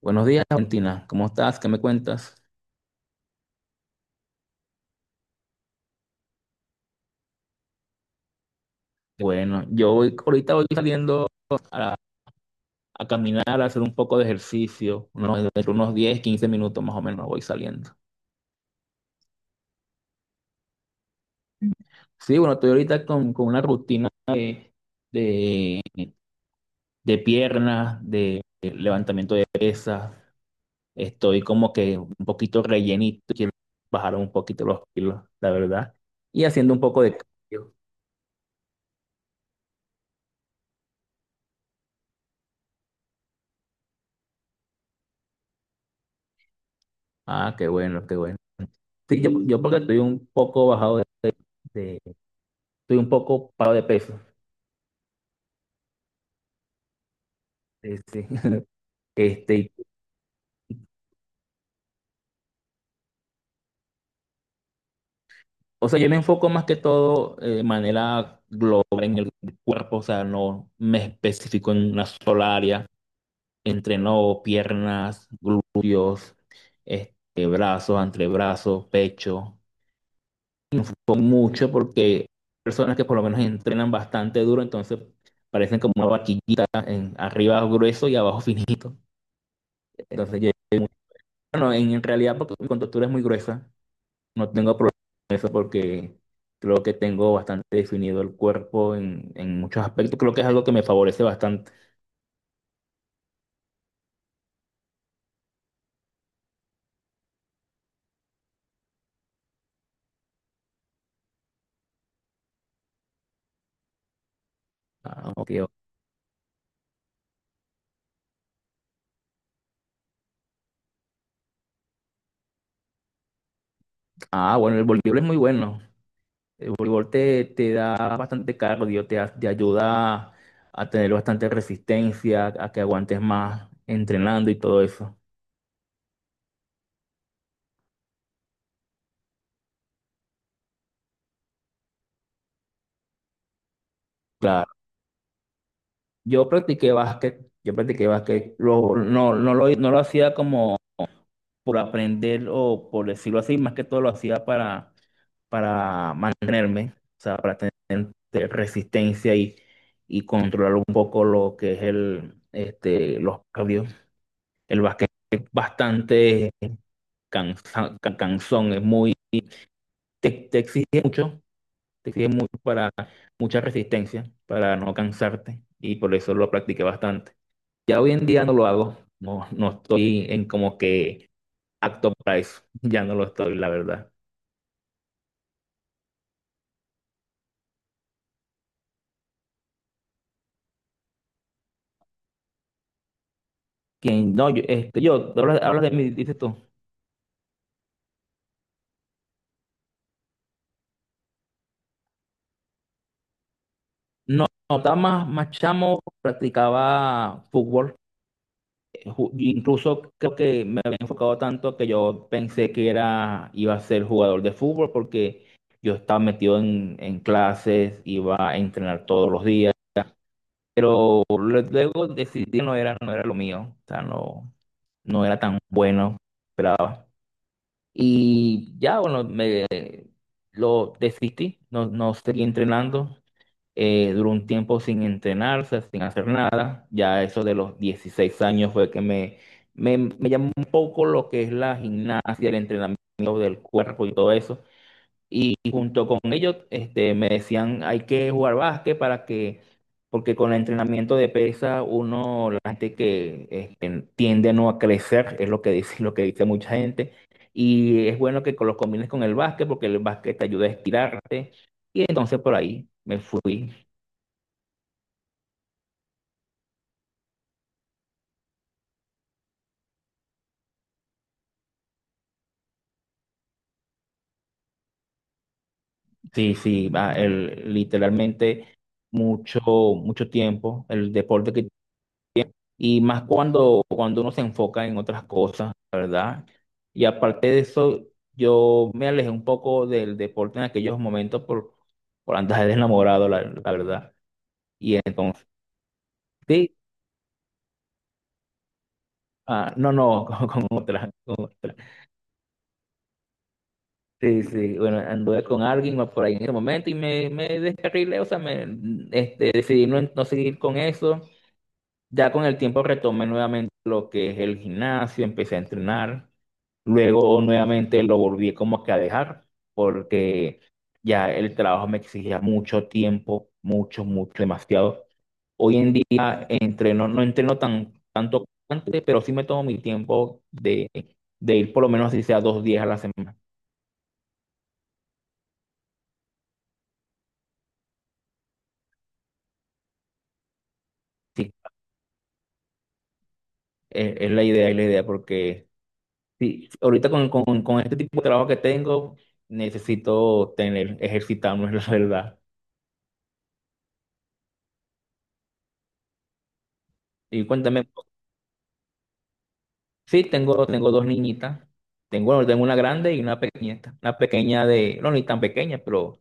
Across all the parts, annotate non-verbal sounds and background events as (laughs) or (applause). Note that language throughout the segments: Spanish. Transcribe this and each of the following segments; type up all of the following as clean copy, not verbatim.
Buenos días, Valentina. ¿Cómo estás? ¿Qué me cuentas? Bueno, yo voy, ahorita voy saliendo a, a caminar, a hacer un poco de ejercicio, entre unos 10 15 minutos más o menos voy saliendo. Sí, bueno, estoy ahorita con una rutina de, de piernas, de levantamiento de pesas. Estoy como que un poquito rellenito, quiero bajar un poquito los kilos, la verdad. Y haciendo un poco de cardio. Ah, qué bueno, qué bueno. Sí, yo porque estoy un poco bajado de, estoy un poco parado de peso. Este, (laughs) este, o sea, yo me enfoco más que todo de manera global, cuerpo, o sea, no me especifico en una sola área. Entreno piernas, glúteos, brazos, antebrazos, pecho, con mucho porque personas que por lo menos entrenan bastante duro, entonces parecen como una vaquillita, arriba grueso y abajo (laughs) finito. Entonces, bueno, en realidad porque mi contextura es muy gruesa. No tengo problema con eso porque creo que tengo bastante definido el cuerpo en muchos aspectos. Creo que es algo que me favorece bastante. Ah, ok, ok. Ah, bueno, el voleibol es muy bueno. El voleibol te da bastante cardio, te ayuda a tener bastante resistencia, a que aguantes más entrenando y todo eso. Claro. Yo practiqué básquet, yo practiqué básquet. No, no lo hacía como por aprender o por decirlo así, más que todo lo hacía para mantenerme, o sea, para tener resistencia y controlar un poco lo que es los cambios. El básquet es bastante cansón, te exige mucho, te exige mucho para mucha resistencia, para no cansarte y por eso lo practiqué bastante. Ya hoy en día no lo hago, no estoy en como que acto para eso, (laughs) ya no lo estoy, la verdad. ¿Quién? No, hablas de mí, dices tú. No, no, estaba más chamo, practicaba fútbol. Incluso creo que me había enfocado tanto que yo pensé iba a ser jugador de fútbol porque yo estaba metido en clases, iba a entrenar todos los días. Pero luego decidí que no era lo mío. O sea, no era tan bueno, esperaba. Y ya, bueno, me lo desistí, no seguí entrenando. Duró un tiempo sin entrenarse, sin hacer nada. Ya eso de los 16 años fue que me llamó un poco lo que es la gimnasia, el entrenamiento del cuerpo y todo eso. Y junto con ellos, me decían, hay que jugar básquet para porque con el entrenamiento de pesa, la gente que tiende no a crecer, es lo que dice, (laughs) lo que dice mucha gente. Y es bueno que lo combines con el básquet, porque el básquet te ayuda a estirarte. Y entonces por ahí me fui. Sí, sí, va, literalmente mucho, mucho tiempo el deporte y más cuando uno se enfoca en otras cosas, la ¿verdad? Y aparte de eso, yo me alejé un poco del deporte en aquellos momentos por andar (laughs) de enamorado, la verdad. Y entonces, sí, ah, no, no, (laughs) con otra. Sí, sí, bueno, anduve con alguien más por ahí en ese momento y me descarrilé, o sea, decidí no seguir con eso. Ya con el tiempo retomé nuevamente lo que es el gimnasio, empecé a entrenar, luego nuevamente lo volví como que a dejar porque ya el trabajo me exigía mucho tiempo, mucho, mucho, demasiado. Hoy en día entreno, no entreno tanto como antes, pero sí me tomo mi tiempo de ir por lo menos si sea dos días a la semana. Sí, es la idea porque sí, ahorita con este tipo de trabajo que tengo necesito ejercitarme, (laughs) la verdad. Y cuéntame, sí, tengo dos niñitas. Bueno, tengo una grande y una pequeñita. Una pequeña de, no, ni tan pequeña, pero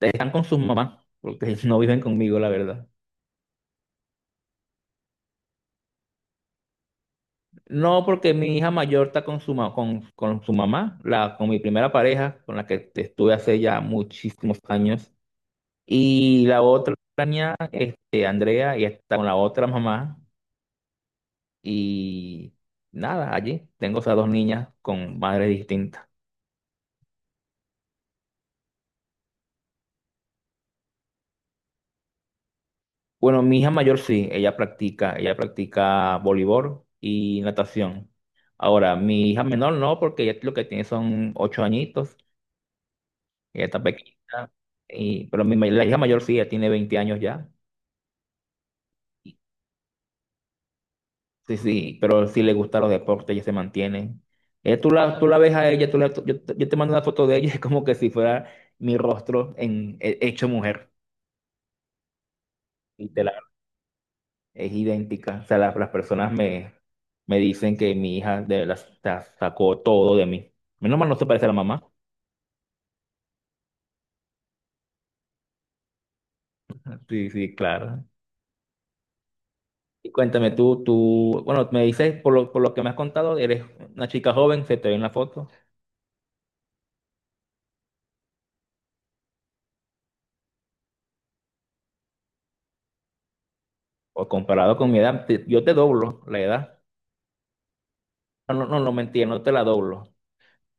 están con sus mamás, porque (laughs) no viven conmigo, la verdad. No, porque mi hija mayor está con su mamá, con mi primera pareja, con la que estuve hace ya muchísimos años. Y la otra niña, Andrea, y está con la otra mamá. Y nada, allí tengo esas dos niñas con madres distintas. Bueno, mi hija mayor sí, ella practica voleibol y natación. Ahora, mi hija menor no, porque ella lo que tiene son 8 añitos, ella está pequeñita, pero la hija mayor sí, ella tiene 20 años ya. Sí, sí, pero sí le gustan los deportes, ella se mantiene. Tú la ves a ella, tú la- tú- yo te mando una foto de ella, (laughs) es como que si fuera mi rostro hecho mujer. Y te la Es idéntica. O sea, las personas me dicen que mi hija sacó todo de mí. Menos mal no se parece a la mamá. Sí, sí, claro. Y cuéntame tú, bueno, me dices, por lo que me has contado, eres una chica joven, se te ve en la foto. O comparado con mi edad, yo te doblo la edad. No, no, no, no mentira, no te la doblo.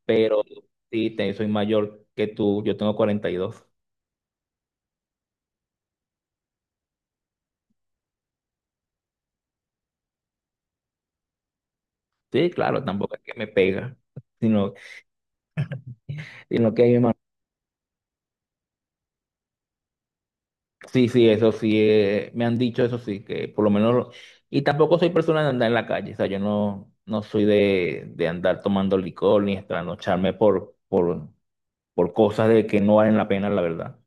Pero sí, soy mayor que tú, yo tengo 42. Sí, claro, tampoco es que me pega, sino, sino que hay. Sí, sí, eso sí, me han dicho eso sí, que por lo menos, y tampoco soy persona de andar en la calle, o sea, yo no soy de andar tomando licor ni trasnocharme por cosas de que no valen la pena, la verdad.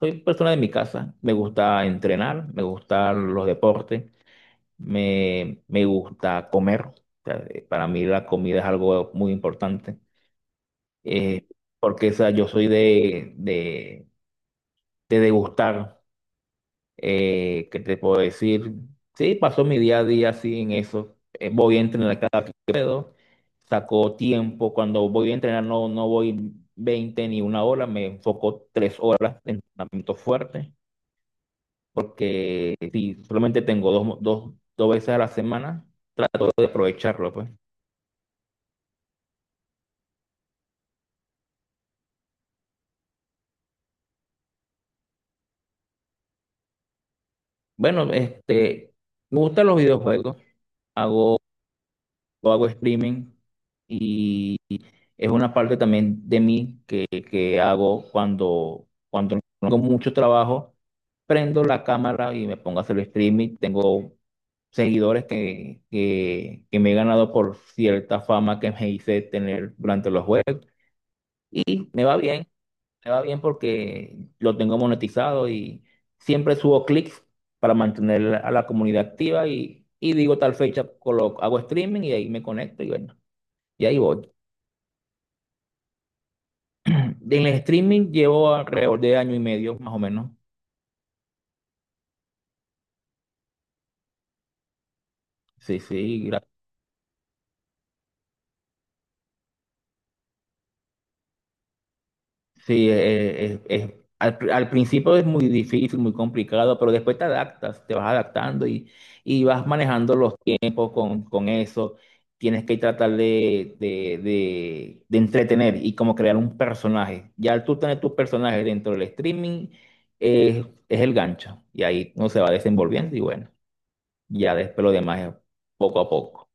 Soy persona de mi casa, me gusta entrenar, me gustan los deportes, me gusta comer, o sea, para mí la comida es algo muy importante, eh, porque o sea, yo soy de degustar. ¿Qué te puedo decir? Sí, paso mi día a día así en eso. Voy a entrenar cada que puedo. Saco tiempo. Cuando voy a entrenar no voy 20 ni una hora. Me enfoco 3 horas de entrenamiento fuerte. Porque si solamente tengo dos veces a la semana, puedo aprovecharlo, pues. Bueno, me gustan los videojuegos. Hago yo hago streaming y es una parte también de mí que hago cuando no tengo mucho trabajo, prendo la cámara y me pongo a hacer streaming. Tengo seguidores que me he ganado por cierta fama que me hice tener durante los juegos y me va bien porque lo tengo monetizado y siempre subo clics para mantener a la comunidad activa y digo tal fecha, hago streaming y ahí me conecto y bueno. Y ahí voy. En el streaming llevo alrededor de año y medio, más o menos. Sí, sí, sí. Al principio es muy difícil, muy complicado, pero después te adaptas, te vas adaptando y vas manejando los tiempos con eso. Tienes que tratar de entretener y como crear un personaje. Ya al tú tener tu personaje dentro del streaming, es el gancho. Y ahí uno se va desenvolviendo y bueno, ya después lo demás es poco a poco.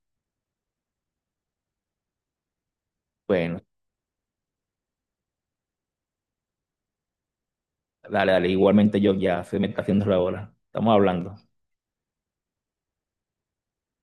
Bueno. Dale, dale, igualmente yo ya soy meditación de la bola. Estamos hablando.